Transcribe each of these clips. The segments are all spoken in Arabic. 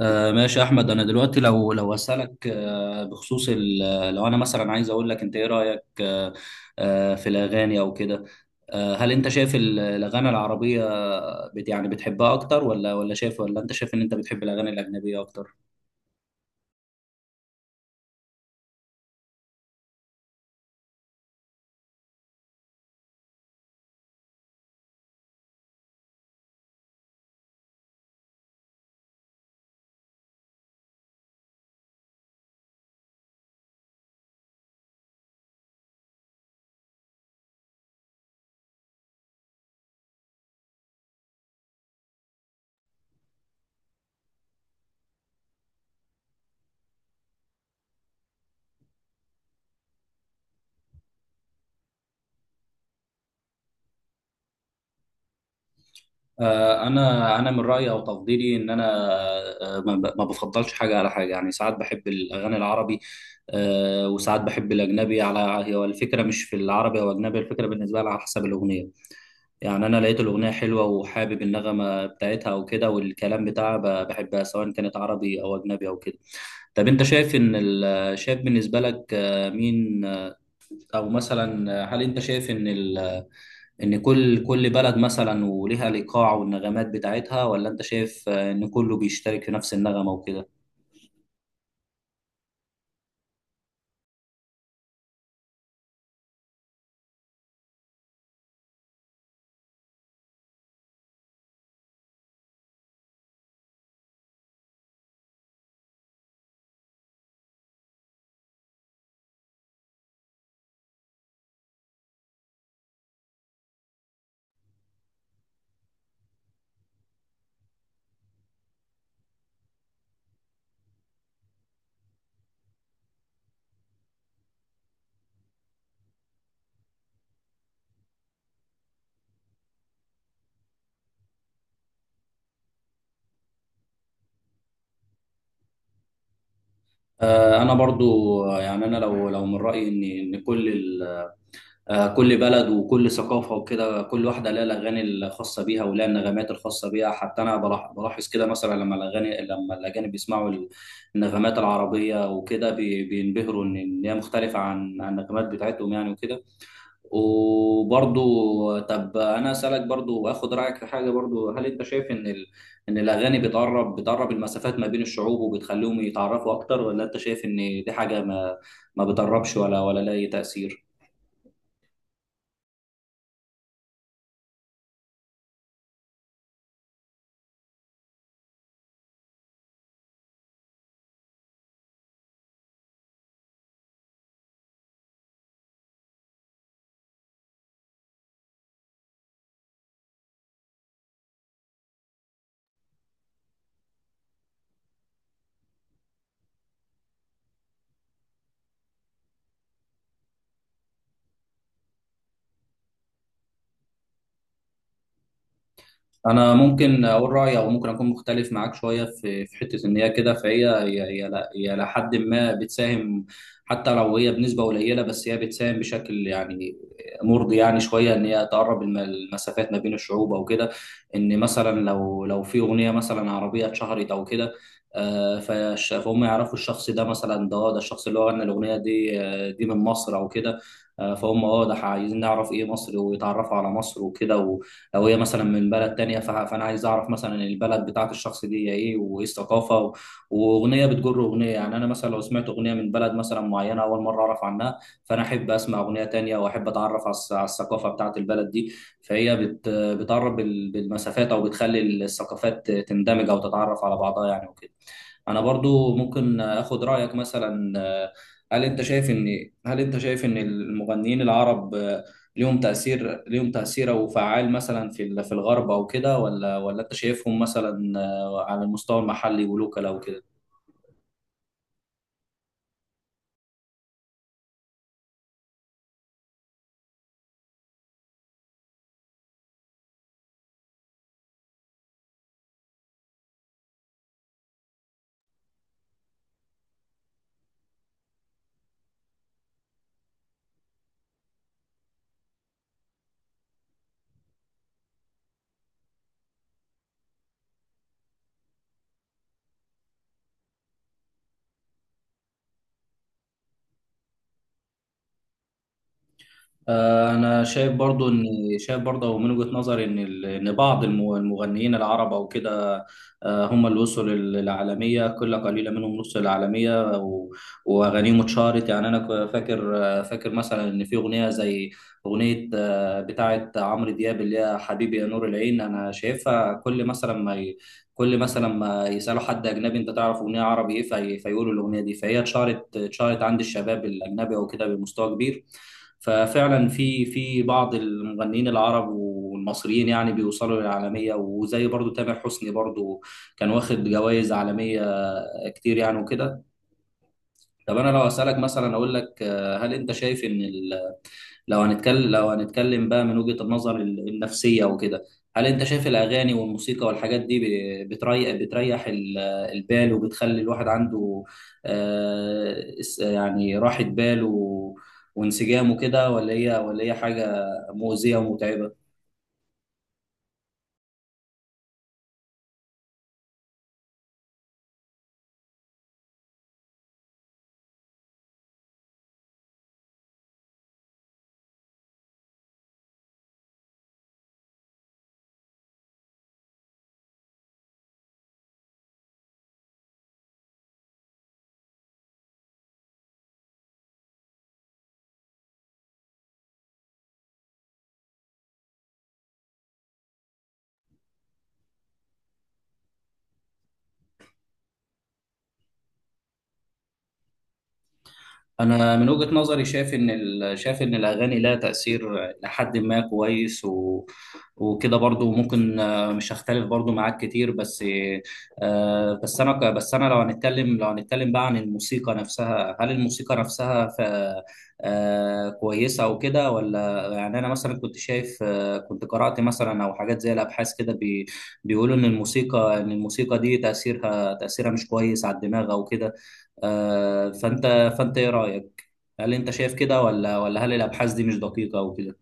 ماشي يا احمد، انا دلوقتي لو اسالك بخصوص لو انا مثلا عايز اقول لك، انت ايه رايك في الاغاني او كده؟ هل انت شايف الاغاني العربيه بت يعني بتحبها اكتر، ولا ولا شايف، ولا انت شايف ان انت بتحب الاغاني الاجنبيه اكتر؟ انا من رايي او تفضيلي ان انا ما بفضلش حاجه على حاجه، يعني ساعات بحب الاغاني العربي، وساعات بحب الاجنبي على. هي الفكره مش في العربي او الاجنبي، الفكره بالنسبه لي على حسب الاغنيه. يعني انا لقيت الاغنيه حلوه وحابب النغمه بتاعتها او كده، والكلام بتاعها بحبها سواء كانت عربي او اجنبي او كده. طب انت شايف شايف بالنسبه لك، مين، او مثلا، هل انت شايف ان كل بلد مثلا وليها الايقاع والنغمات بتاعتها، ولا انت شايف، ان كله بيشترك في نفس النغمه وكده؟ انا برضو، يعني انا لو من رايي ان كل بلد وكل ثقافة وكده، كل واحدة لها الأغاني الخاصة بيها، ولها النغمات الخاصة بيها. حتى أنا بلاحظ كده، مثلا لما الأجانب بيسمعوا النغمات العربية وكده بينبهروا إن هي مختلفة عن النغمات بتاعتهم، يعني وكده. وبرضو، طب أنا أسألك برضو وآخد رأيك في حاجة برضو، هل أنت شايف إن الأغاني بتقرب المسافات ما بين الشعوب وبتخليهم يتعرفوا أكتر، ولا أنت شايف إن دي حاجة ما ما بتقربش، ولا لها أي تأثير؟ انا ممكن اقول رايي، او ممكن اكون مختلف معاك شويه في حته ان هي كده، فهي هي هي ل- هي لحد ما بتساهم. حتى لو هي بنسبه قليله، بس هي بتساهم بشكل يعني مرضي، يعني شويه، ان هي تقرب المسافات ما بين الشعوب او كده. ان مثلا لو في اغنيه مثلا عربيه اتشهرت او كده، فهم يعرفوا الشخص ده، مثلا ده، ده الشخص اللي هو غنى الاغنيه دي، دي من مصر او كده. فهم ده عايزين نعرف ايه مصر، ويتعرفوا على مصر وكده. لو هي مثلا من بلد تانية، فانا عايز اعرف مثلا البلد بتاعت الشخص دي هي ايه، وايه الثقافه واغنيه بتجر اغنيه. يعني انا مثلا لو سمعت اغنيه من بلد مثلا معينه اول مره اعرف عنها، فانا احب اسمع اغنيه تانية، واحب اتعرف على الثقافه بتاعت البلد دي. فهي بتقرب بالمسافات، او بتخلي الثقافات تندمج او تتعرف على بعضها، يعني وكده. انا برضو ممكن اخد رايك مثلا، هل انت شايف ان المغنيين العرب ليهم تأثير أو فعال مثلا في الغرب أو كده، ولا أنت شايفهم مثلا، على المستوى المحلي ولوكال أو كده؟ أنا شايف برضو إن شايف برضو من وجهة نظري إن بعض المغنيين العرب أو كده، هم اللي وصلوا للعالمية، كل قليلة منهم نص العالمية، وأغانيهم اتشهرت. يعني أنا فاكر، فاكر مثلا إن في أغنية زي أغنية، بتاعة عمرو دياب اللي هي حبيبي يا نور العين. أنا شايفها كل مثلا ما يسالوا حد اجنبي انت تعرف اغنيه عربي ايه، فيقولوا الاغنيه دي. فهي اتشهرت عند الشباب الاجنبي او كده بمستوى كبير. ففعلا في بعض المغنيين العرب والمصريين يعني بيوصلوا للعالميه، وزي برضو تامر حسني، برضو كان واخد جوائز عالميه كتير، يعني وكده. طب انا لو اسالك مثلا، اقول لك، آه، هل انت شايف ان ال لو هنتكلم بقى من وجهة النظر النفسية وكده، هل انت شايف الاغاني والموسيقى والحاجات دي بتريح البال، وبتخلي الواحد عنده يعني راحة بال وانسجام وكده، ولا هي حاجة مؤذية ومتعبة؟ انا من وجهة نظري شايف ان الاغاني لها تأثير لحد ما كويس وكده، برضو ممكن، مش هختلف برضو معاك كتير، بس بس انا لو هنتكلم بقى عن الموسيقى نفسها، هل الموسيقى نفسها ف... آه، كويسة وكده، ولا يعني انا مثلا كنت شايف آه، كنت قرأت مثلا، او حاجات زي الابحاث كده بيقولوا ان الموسيقى دي تأثيرها مش كويس على الدماغ او كده. آه، فانت فانت ايه رايك، هل انت شايف كده، ولا هل الابحاث دي مش دقيقه او كده؟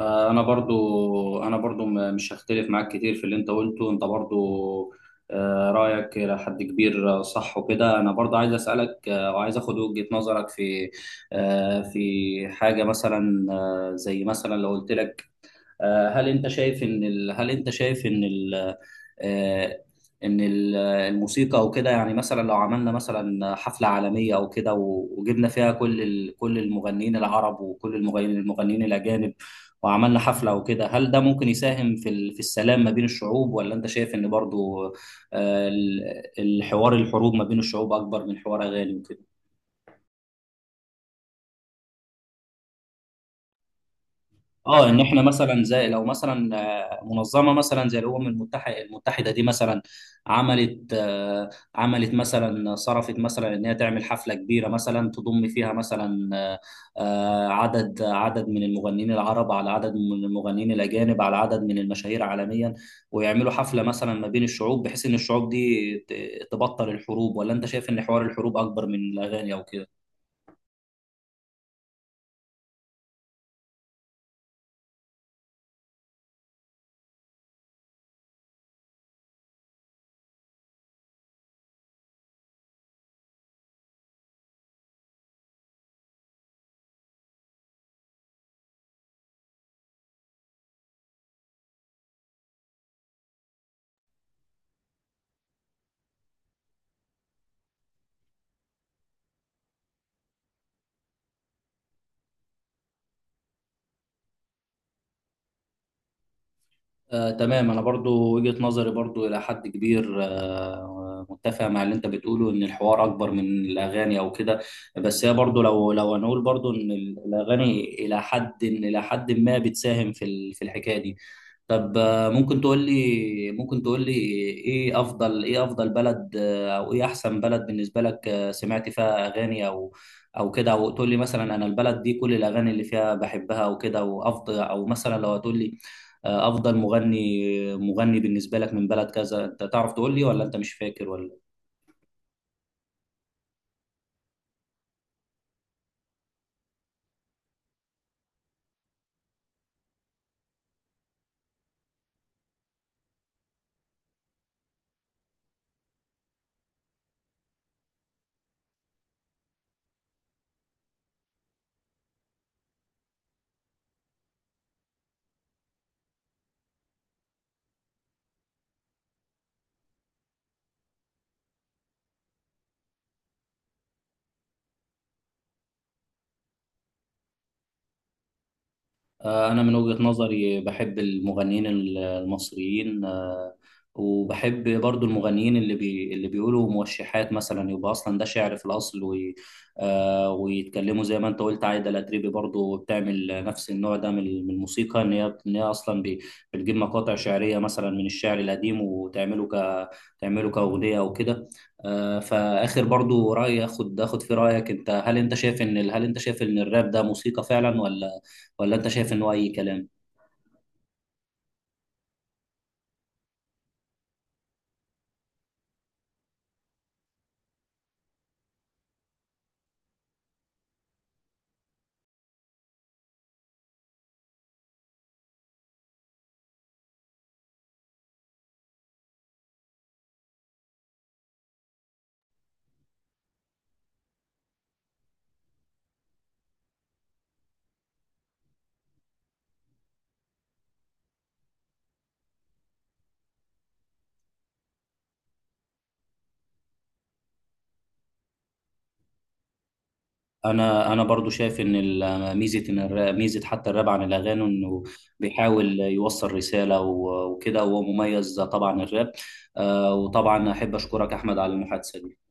انا برضو مش هختلف معاك كتير في اللي انت قلته، انت برضو رايك الى حد كبير، صح وكده. انا برضو عايز اسالك، وعايز اخد وجهه نظرك في، في حاجه مثلا، زي مثلا لو قلت لك، آه، هل انت شايف ان ال... هل انت شايف ان ال... آه، ان الموسيقى وكده، يعني مثلا لو عملنا مثلا حفلة عالمية او كده، وجبنا فيها كل المغنيين العرب وكل المغنيين الاجانب، وعملنا حفلة وكده، هل ده ممكن يساهم في السلام ما بين الشعوب، ولا انت شايف ان برضو، آه، ال- الحوار الحروب ما بين الشعوب اكبر من حوار اغاني وكده؟ اه ان احنا مثلا، زي لو مثلا، منظمه مثلا زي الامم المتحده، دي مثلا عملت، عملت مثلا، صرفت مثلا، ان هي تعمل حفله كبيره مثلا، تضم فيها مثلا عدد من المغنيين العرب، على عدد من المغنيين الاجانب، على عدد من المشاهير عالميا، ويعملوا حفله مثلا ما بين الشعوب، بحيث ان الشعوب دي تبطل الحروب. ولا انت شايف ان حوار الحروب اكبر من الاغاني او كده؟ تمام. انا برضو وجهة نظري برضو الى حد كبير متفق مع اللي انت بتقوله، ان الحوار اكبر من الاغاني او كده. بس هي برضو، لو لو هنقول برضو ان الاغاني الى حد ما بتساهم في الحكاية دي. طب، ممكن تقول لي ايه افضل بلد، او ايه احسن بلد بالنسبه لك، سمعت فيها اغاني او كده، او تقول لي مثلا، انا البلد دي كل الاغاني اللي فيها بحبها وكده وافضل، او مثلا لو هتقول لي، افضل مغني بالنسبه لك من بلد كذا. انت تعرف تقول لي، ولا انت مش فاكر، ولا؟ أنا من وجهة نظري بحب المغنيين المصريين، وبحب برضو المغنيين اللي بيقولوا موشحات مثلا، يبقى أصلا ده شعر في الأصل، وي آه، ويتكلموا زي ما أنت قلت، عايدة الأتريبي برضو بتعمل نفس النوع ده من الموسيقى، إن هي أصلا بتجيب مقاطع شعرية مثلا من الشعر القديم، وتعمله ك تعمله كأغنية أو كده. فآخر برضو رأي أخد في رأيك أنت، هل أنت شايف إن الراب ده موسيقى فعلا، ولا انت شايف انه اي كلام؟ انا برضو شايف ان ال- ميزه ان الراب ميزه، حتى الراب عن الاغاني انه بيحاول يوصل رساله وكده، وهو مميز طبعا الراب. وطبعا احب اشكرك احمد على المحادثه دي.